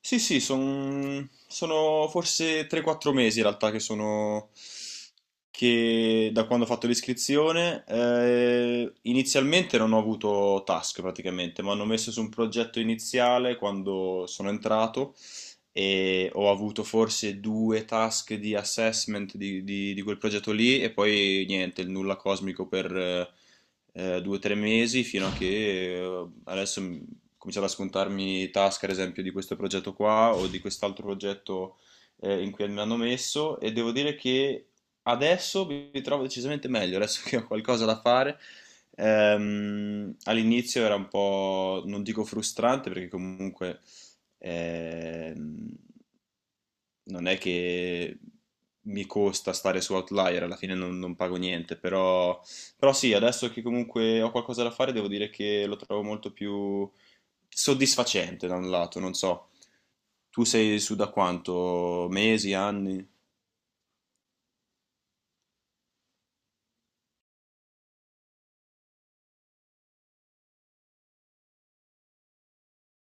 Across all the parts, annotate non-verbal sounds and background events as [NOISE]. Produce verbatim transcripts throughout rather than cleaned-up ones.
Sì, sì, son- sono forse tre quattro mesi in realtà che sono che da quando ho fatto l'iscrizione. Eh, inizialmente non ho avuto task praticamente, mi hanno messo su un progetto iniziale quando sono entrato e ho avuto forse due task di assessment di, di- di quel progetto lì e poi niente, il nulla cosmico per eh, eh, due o tre mesi fino a che eh, adesso m- ho cominciato a scontarmi task ad esempio di questo progetto qua o di quest'altro progetto eh, in cui mi hanno messo, e devo dire che adesso mi trovo decisamente meglio, adesso che ho qualcosa da fare. Ehm, all'inizio era un po', non dico frustrante, perché comunque ehm, non è che mi costa stare su Outlier, alla fine non, non pago niente, però, però sì, adesso che comunque ho qualcosa da fare, devo dire che lo trovo molto più soddisfacente da un lato, non so. Tu sei su da quanto? Mesi, anni?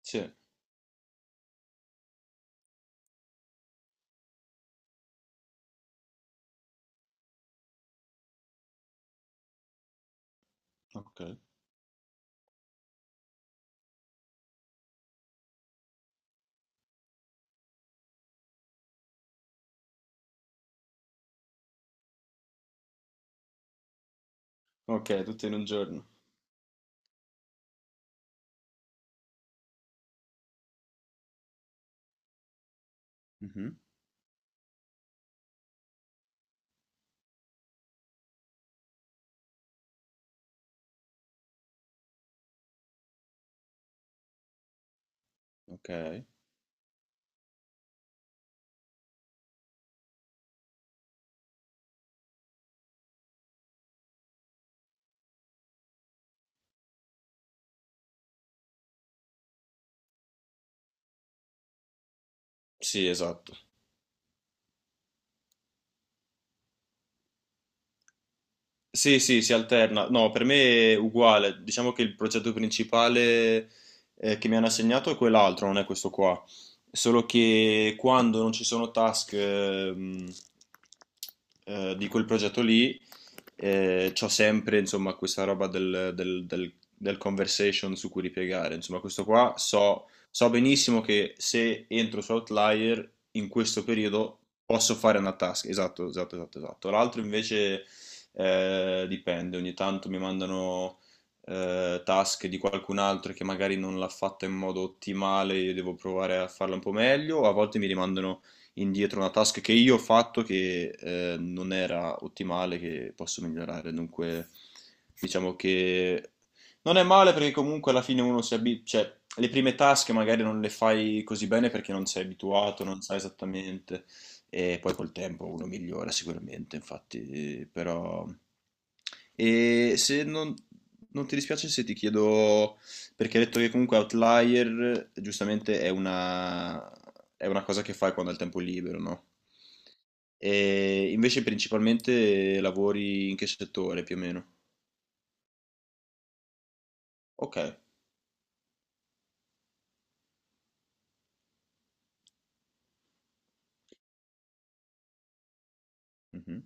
Sì, ok. Ok, tutto in un giorno. Mhm. Ok. Sì, esatto. Sì, sì, si alterna. No, per me è uguale. Diciamo che il progetto principale eh, che mi hanno assegnato è quell'altro, non è questo qua. Solo che quando non ci sono task ehm, eh, di quel progetto lì, eh, c'ho sempre, insomma, questa roba del, del- del- del conversation su cui ripiegare. Insomma, questo qua so, so benissimo che se entro su Outlier in questo periodo posso fare una task. Esatto, esatto, esatto, esatto. L'altro invece eh, dipende, ogni tanto mi mandano eh, task di qualcun altro che magari non l'ha fatta in modo ottimale, io devo provare a farla un po' meglio, a volte mi rimandano indietro una task che io ho fatto che eh, non era ottimale, che posso migliorare, dunque diciamo che non è male perché comunque alla fine uno si abitua, cioè le prime task magari non le fai così bene perché non sei abituato, non sai esattamente, e poi col tempo uno migliora sicuramente, infatti, però... E se non, non ti dispiace se ti chiedo, perché hai detto che comunque Outlier giustamente è una, è una cosa che fai quando hai il tempo libero, no? E invece principalmente lavori in che settore più o meno? Ok. Mhm.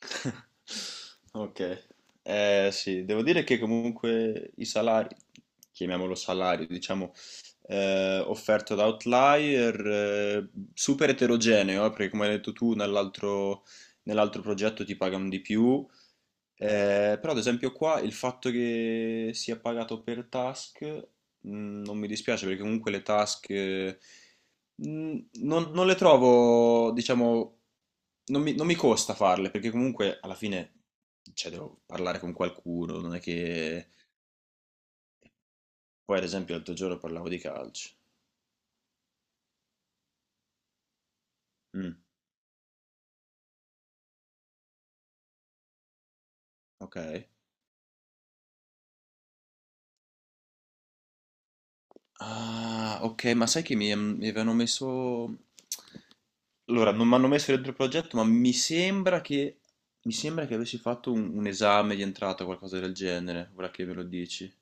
[LAUGHS] Ok, eh, sì, devo dire che comunque i salari, chiamiamolo salario, diciamo, eh, offerto da Outlier, eh, super eterogeneo, eh, perché come hai detto tu, nell'altro nell'altro progetto ti pagano di più, eh, però ad esempio qua il fatto che sia pagato per task. Mm, Non mi dispiace perché comunque le task eh, mm, non, non le trovo, diciamo, non mi, non mi costa farle perché comunque alla fine, cioè, devo parlare con qualcuno, non è che... Poi ad esempio l'altro giorno parlavo di calcio. Mm, ok. Ah, ok, ma sai che mi, mi avevano messo... Allora, non mi hanno messo dentro il progetto, ma mi sembra che, mi sembra che avessi fatto un, un esame di entrata o qualcosa del genere, ora che me lo dici.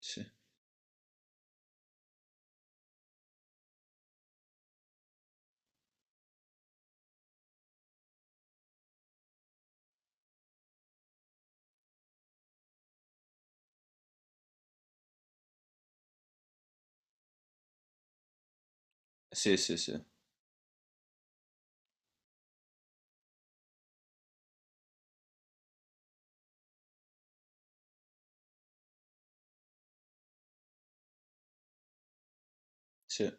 Sì. Sì, sì, sì, sì.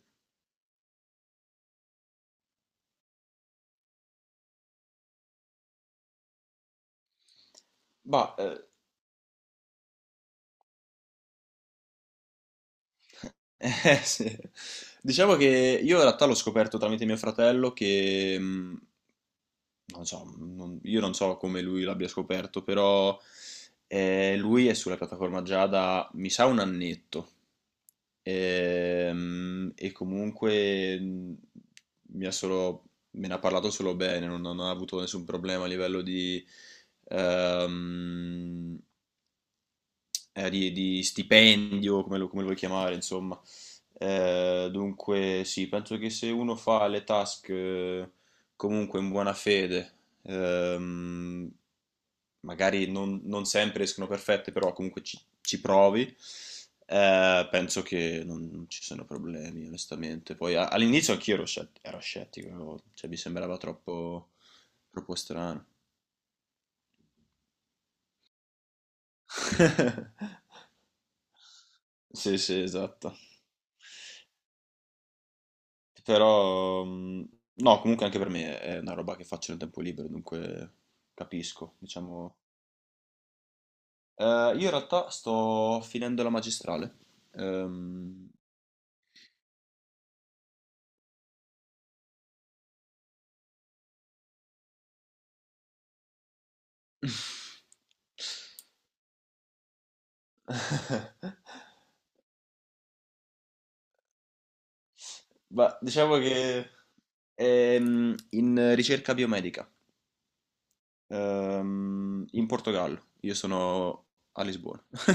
Bah, eh, [LAUGHS] eh, sì. Diciamo che io in realtà l'ho scoperto tramite mio fratello che, mh, non so, non- io non so come lui l'abbia scoperto, però eh, lui è sulla piattaforma già da, mi sa, un annetto. Ehm, E, comunque mh, mi ha solo, me ne ha parlato solo bene, non, non ha avuto nessun problema a livello di... ehm, eh, di, di stipendio, come lo, come lo vuoi chiamare, insomma. Eh, dunque, sì, penso che se uno fa le task eh, comunque in buona fede, ehm, magari non, non sempre escono perfette, però comunque ci, ci provi. Eh, penso che non, non ci siano problemi, onestamente. Poi a- all'inizio anch'io ero, scett- ero scettico, cioè mi sembrava troppo, troppo strano. [LAUGHS] Sì, sì, esatto. Però, mm, no, comunque anche per me è una roba che faccio nel tempo libero, dunque capisco, diciamo. Eh, io in realtà sto finendo la magistrale. Ehm, [LAUGHS] Ma diciamo che ehm, in ricerca biomedica, ehm, in Portogallo. Io sono a Lisbona. [LAUGHS]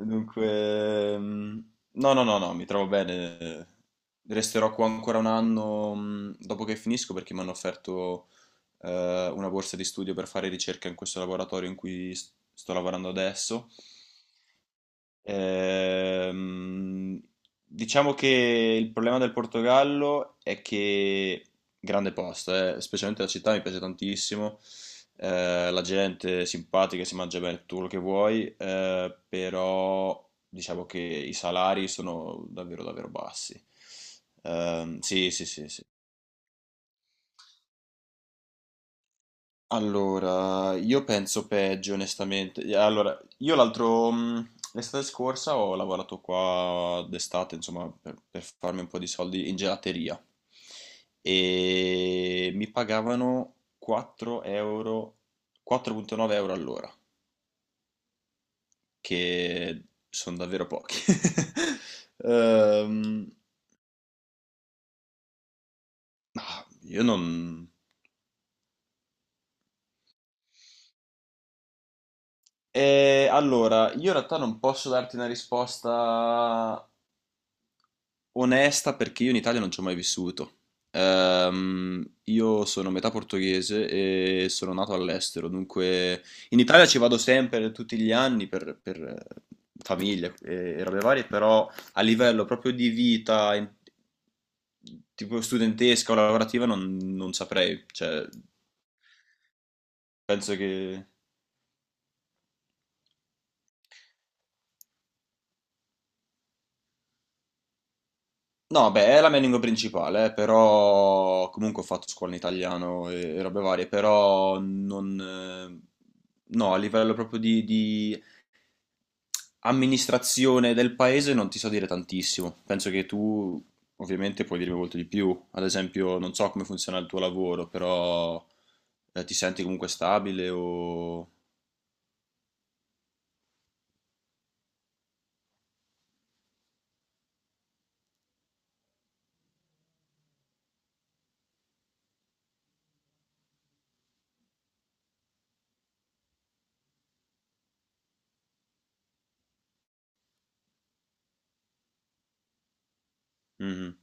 Dunque, ehm, no, no, no, no, mi trovo bene. Resterò qua ancora un anno, mh, dopo che finisco, perché mi hanno offerto eh, una borsa di studio per fare ricerca in questo laboratorio in cui s- sto lavorando adesso. Ehm, diciamo che il problema del Portogallo è che, grande posto, eh, specialmente la città mi piace tantissimo. Eh, la gente è simpatica, si mangia bene tutto quello che vuoi, eh, però diciamo che i salari sono davvero davvero bassi. Ehm, sì, sì, sì, sì. Allora, io penso peggio, onestamente. Allora, io l'altro, mh, l'estate scorsa ho lavorato qua d'estate, insomma, per, per, farmi un po' di soldi in gelateria, e mi pagavano quattro euro, quattro virgola nove euro all'ora, che sono davvero pochi. [LAUGHS] Ehm, ah, io non... Eh, allora, io in realtà non posso darti una risposta onesta perché io in Italia non ci ho mai vissuto. Ehm, io sono metà portoghese e sono nato all'estero, dunque in Italia ci vado sempre tutti gli anni per, per, eh, famiglia e, e robe varie, però a livello proprio di vita, in- tipo studentesca o lavorativa, non, non saprei. Cioè, penso che... No, beh, è la mia lingua principale, eh, però comunque ho fatto scuola in italiano e, e robe varie, però non... eh, No, a livello proprio di, di, amministrazione del paese non ti so dire tantissimo. Penso che tu ovviamente puoi dirmi molto di più. Ad esempio, non so come funziona il tuo lavoro, però eh, ti senti comunque stabile o... Mhm.